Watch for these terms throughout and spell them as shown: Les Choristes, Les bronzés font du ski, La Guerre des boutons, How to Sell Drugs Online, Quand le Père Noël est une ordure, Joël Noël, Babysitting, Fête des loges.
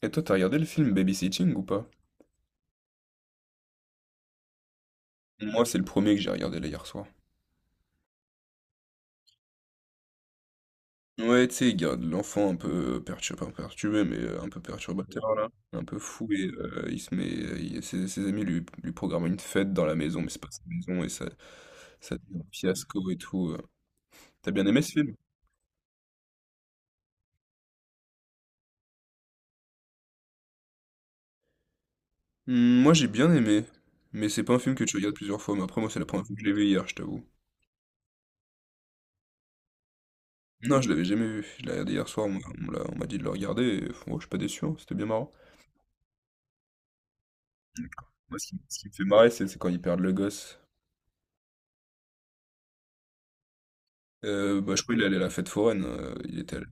Et toi, t'as regardé le film Babysitting ou pas? Moi, c'est le premier que j'ai regardé là hier soir. Ouais, tu sais, il garde l'enfant un peu perturbé, pas perturbé, mais un peu perturbateur là, un peu fou et il se met, ses, ses amis lui programment une fête dans la maison, mais c'est pas sa maison et ça devient un fiasco et tout. T'as bien aimé ce film? Hmm, moi, j'ai bien aimé, mais c'est pas un film que tu regardes plusieurs fois. Mais après, moi, c'est la première fois que je l'ai vu hier, je t'avoue. Non, je l'avais jamais vu. Je l'ai regardé hier soir. On, m'a on me l'a- on m'a dit de le regarder. Et, pff, moi, je suis pas déçu, hein. C'était bien marrant. Moi, ce qui me fait marrer, c'est quand ils perdent le gosse. Bah, je crois qu'il est allé à la fête foraine.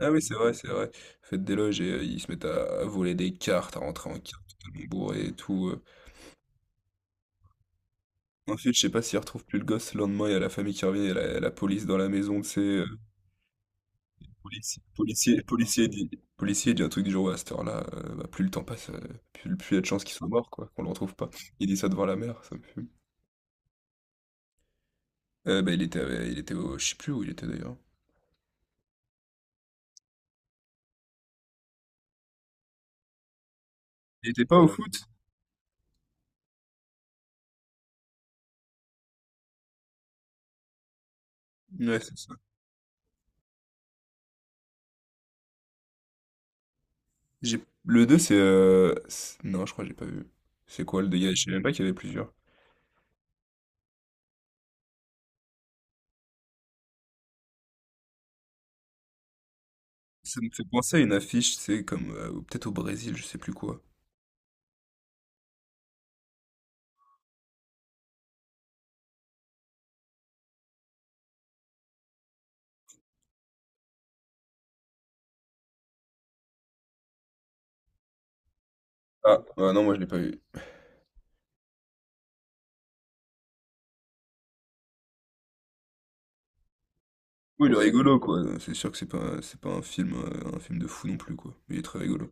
Ah oui, c'est vrai, c'est vrai. Fête des loges et ils se mettent à voler des cartes, à rentrer en carte totalement bourré et tout. Ensuite, je sais pas s'ils retrouvent plus le gosse. Le lendemain, il y a la famille qui revient, il y a la police dans la maison, tu sais. Policier, policier, policier dit, policier dit un truc du genre, ouais, à cette heure-là, bah, plus le temps passe, plus il y a de chances qu'il soit mort, quoi, qu'on le retrouve pas. Il dit ça devant la mère, ça me fume. Il était au, je sais plus où il était d'ailleurs. Il était pas au foot? Ouais, c'est ça. Le 2 non, je crois que j'ai pas vu. C'est quoi le deux? Je savais même pas qu'il y avait plusieurs. Ça me fait penser à une affiche, c'est comme... ou peut-être au Brésil, je sais plus quoi. Ah, ouais, non, moi je l'ai pas vu. Oui, il est rigolo, quoi. C'est sûr que c'est pas un film, un film de fou non plus, quoi. Mais il est très rigolo.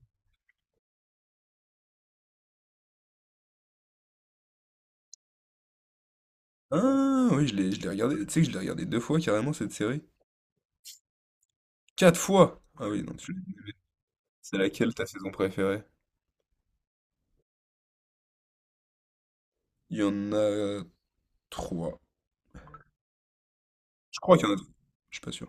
Ah, oui, je l'ai regardé. Tu sais que je l'ai regardé deux fois, carrément, cette série. Quatre fois! Ah oui, non, tu l'as dit. C'est laquelle ta saison préférée? Il y en a trois. Je crois qu'il y en a trois. Je suis pas sûr.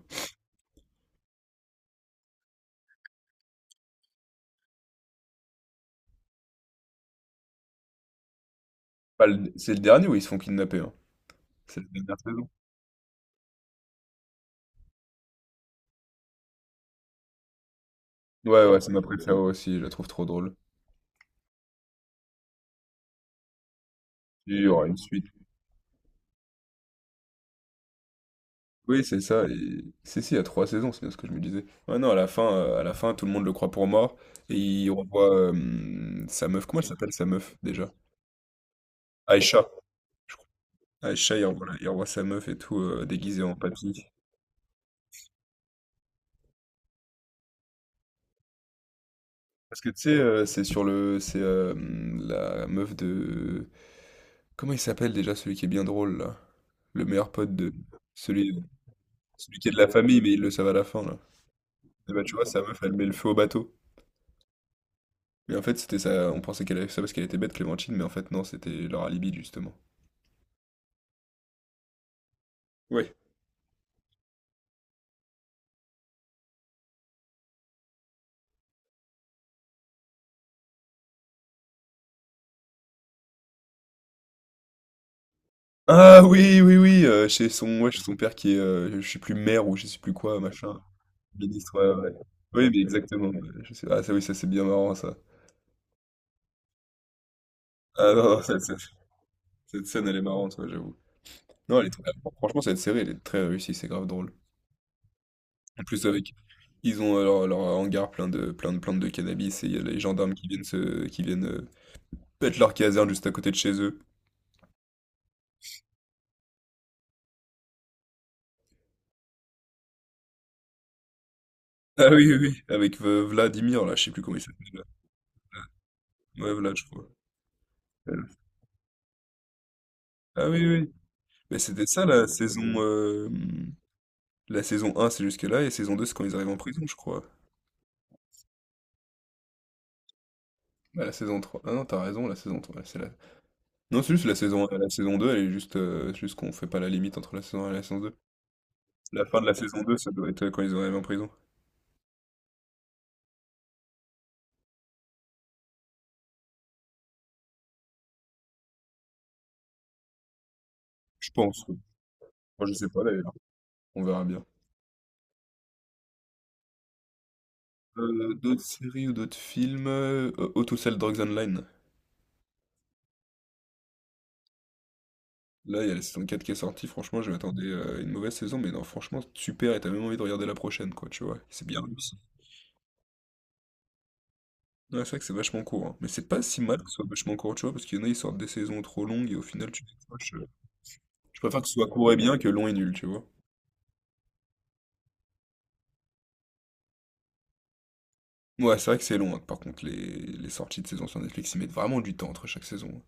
Pas le- C'est le dernier où ils se font kidnapper, hein. C'est la dernière saison. Ouais, ouais, c'est ma préférée aussi, je la trouve trop drôle. Il y aura une suite. Oui, c'est ça. Et... si, si, il y a trois saisons, c'est bien ce que je me disais. Ouais, non, à la fin, tout le monde le croit pour mort. Et il revoit sa meuf. Comment elle s'appelle sa meuf déjà? Aïcha, je crois. Aïcha, il revoit sa meuf et tout, déguisée en papy. Parce que tu sais, c'est sur le. C'est la meuf de. Comment il s'appelle déjà celui qui est bien drôle là? Le meilleur pote de. Celui, celui qui est de la famille, mais il le savent à la fin là. Et bah tu vois, sa meuf, elle met le feu au bateau. Mais en fait, c'était ça, on pensait qu'elle avait fait ça parce qu'elle était bête, Clémentine, mais en fait, non, c'était leur alibi, justement. Ouais. Ah oui, oui, oui, chez son père qui est, je sais plus maire ou je sais plus quoi, machin, ministre, ouais, ouais. Oui, mais exactement, ouais, ah ça, oui, ça c'est bien marrant, ça. Ah non, non, cette scène, elle est marrante, ouais, j'avoue. Non, elle est très- franchement, cette série, elle est très réussie, c'est grave drôle. En plus, avec, ils ont leur hangar plein de plantes de cannabis et il y a les gendarmes qui viennent mettre leur caserne juste à côté de chez eux. Ah oui, oui, oui, avec Vladimir, là, je sais plus comment il s'appelle là. Ouais, Vlad, je crois. Ah oui, oui, oui. Mais c'était ça, la saison un c'est jusque-là, et saison 2 c'est quand ils arrivent en prison, je crois. Ah, la saison trois? Ah non, t'as raison, la saison trois c'est la... non, c'est juste la saison un. La saison 2 elle est juste... juste qu'on fait pas la limite entre la saison un et la saison deux. La fin de la saison 2 ça doit être quand ils arrivent en prison. Je pense, oui. Moi, je sais pas, d'ailleurs. On verra bien. D'autres séries ou d'autres films... How to Sell Drugs Online. Là, il y a la saison 4 qui est sortie, franchement, je m'attendais à une mauvaise saison, mais non, franchement, super, et t'as même envie de regarder la prochaine, quoi, tu vois. C'est bien réussi. Ouais, c'est vrai que c'est vachement court, hein. Mais c'est pas si mal que ce soit vachement court, tu vois, parce qu'il y en a, ils sortent des saisons trop longues, et au final, tu décroches. Je préfère que ce soit court et bien que long et nul, tu vois. Ouais, c'est vrai que c'est long, hein. Par contre, les sorties de saison sur Netflix, ils mettent vraiment du temps entre chaque saison,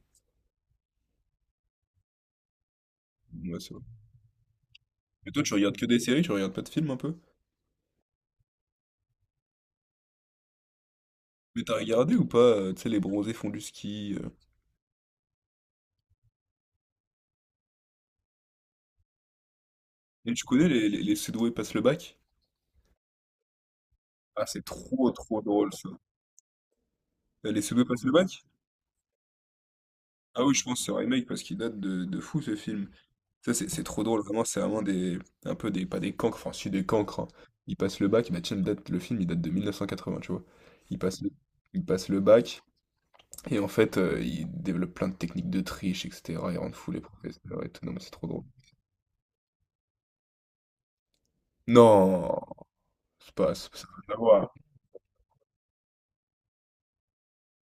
hein. Ouais, c'est vrai. Mais toi, tu regardes que des séries, tu regardes pas de films un peu? Mais t'as regardé ou pas, tu sais, les bronzés font du ski. Et tu connais les Cédaux passent le bac? Ah, c'est trop trop drôle. Les pseudo passent le bac? Ah oui, je pense que c'est un remake parce qu'il date de fou ce film. Ça, c'est trop drôle, vraiment, c'est vraiment des. Un peu des. Pas des cancres, enfin, si des cancres, hein. Ils passent le bac, bah tiens, le film, il date de 1980, tu vois. Ils passent le, ils passent le bac, et en fait, ils développent plein de techniques de triche, etc. Ils rendent fous les professeurs et tout. Non, mais c'est trop drôle. Non! C'est pas. Ça n'a rien à voir.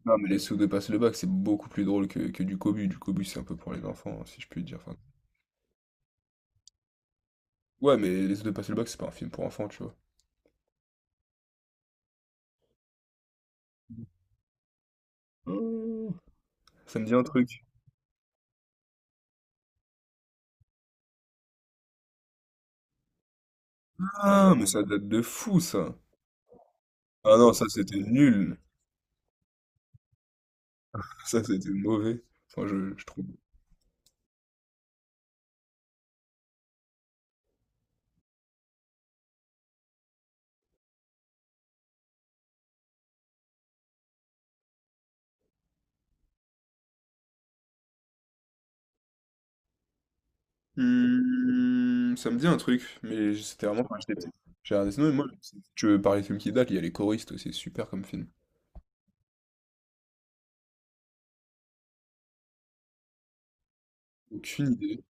Non, mais les pseudo passent le bac, c'est beaucoup plus drôle que du cobu. Du cobu, c'est un peu pour les enfants, hein, si je puis dire. Enfin, ouais, mais les pseudo passent le bac, c'est pas un film pour enfants, tu vois. Ça me dit un truc. Ah, mais ça date de fou, ça. Ah non, ça c'était nul. Ça c'était mauvais. Enfin, je trouve. Hmm, ça me dit un truc, mais c'était vraiment quand j'étais petit. J'ai regardé Snow et moi, si tu veux parler de films qui datent, il y a Les Choristes aussi, c'est super comme film. Aucune idée.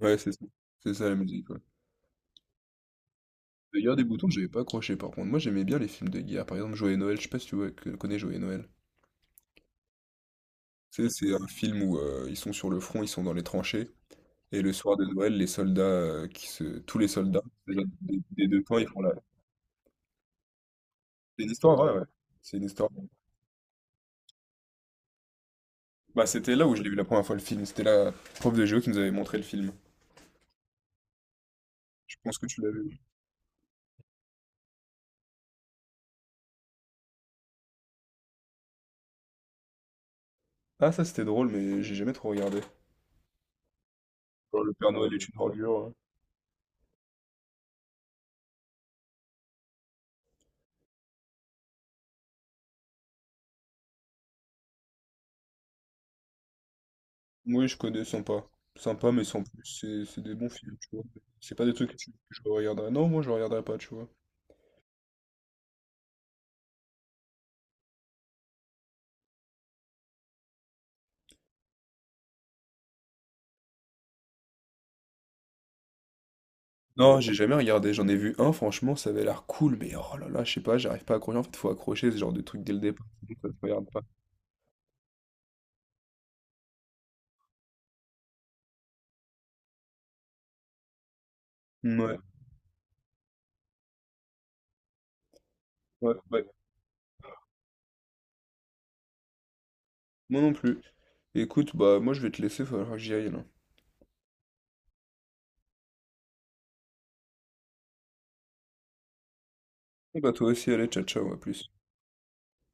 Ouais, c'est ça. C'est ça la musique, ouais. La Guerre des boutons, j'avais pas accroché par contre. Moi j'aimais bien les films de guerre. Par exemple, Joël Noël, je sais pas si tu vois- que- connais Joël Noël. Tu sais, c'est un film où ils sont sur le front, ils sont dans les tranchées, et le soir de Noël, les soldats, qui se tous les soldats déjà des 2 camps, ils font la c'est une histoire vraie, ouais. C'est une histoire, bah, c'était là où je l'ai vu la première fois le film, c'était la prof de géo qui nous avait montré le film. Je pense que tu l'as vu. Ah ça c'était drôle, mais j'ai jamais trop regardé. Quand le Père Noël est une ordure, oui je connais, sympa. Sympa, mais sans plus, c'est des bons films, tu vois? C'est pas des trucs que tu que je regarderais. Non, moi je regarderais pas, tu vois? Non, j'ai jamais regardé, j'en ai vu un, franchement, ça avait l'air cool, mais oh là là, je sais pas, j'arrive pas à accrocher. En fait, faut accrocher ce genre de truc dès le départ, sinon ça se regarde pas. Mouais. Ouais, ouais. Moi non plus. Écoute, bah moi je vais te laisser, il va falloir que j'y aille là. Bon, bah toi aussi, allez, ciao ciao, à plus.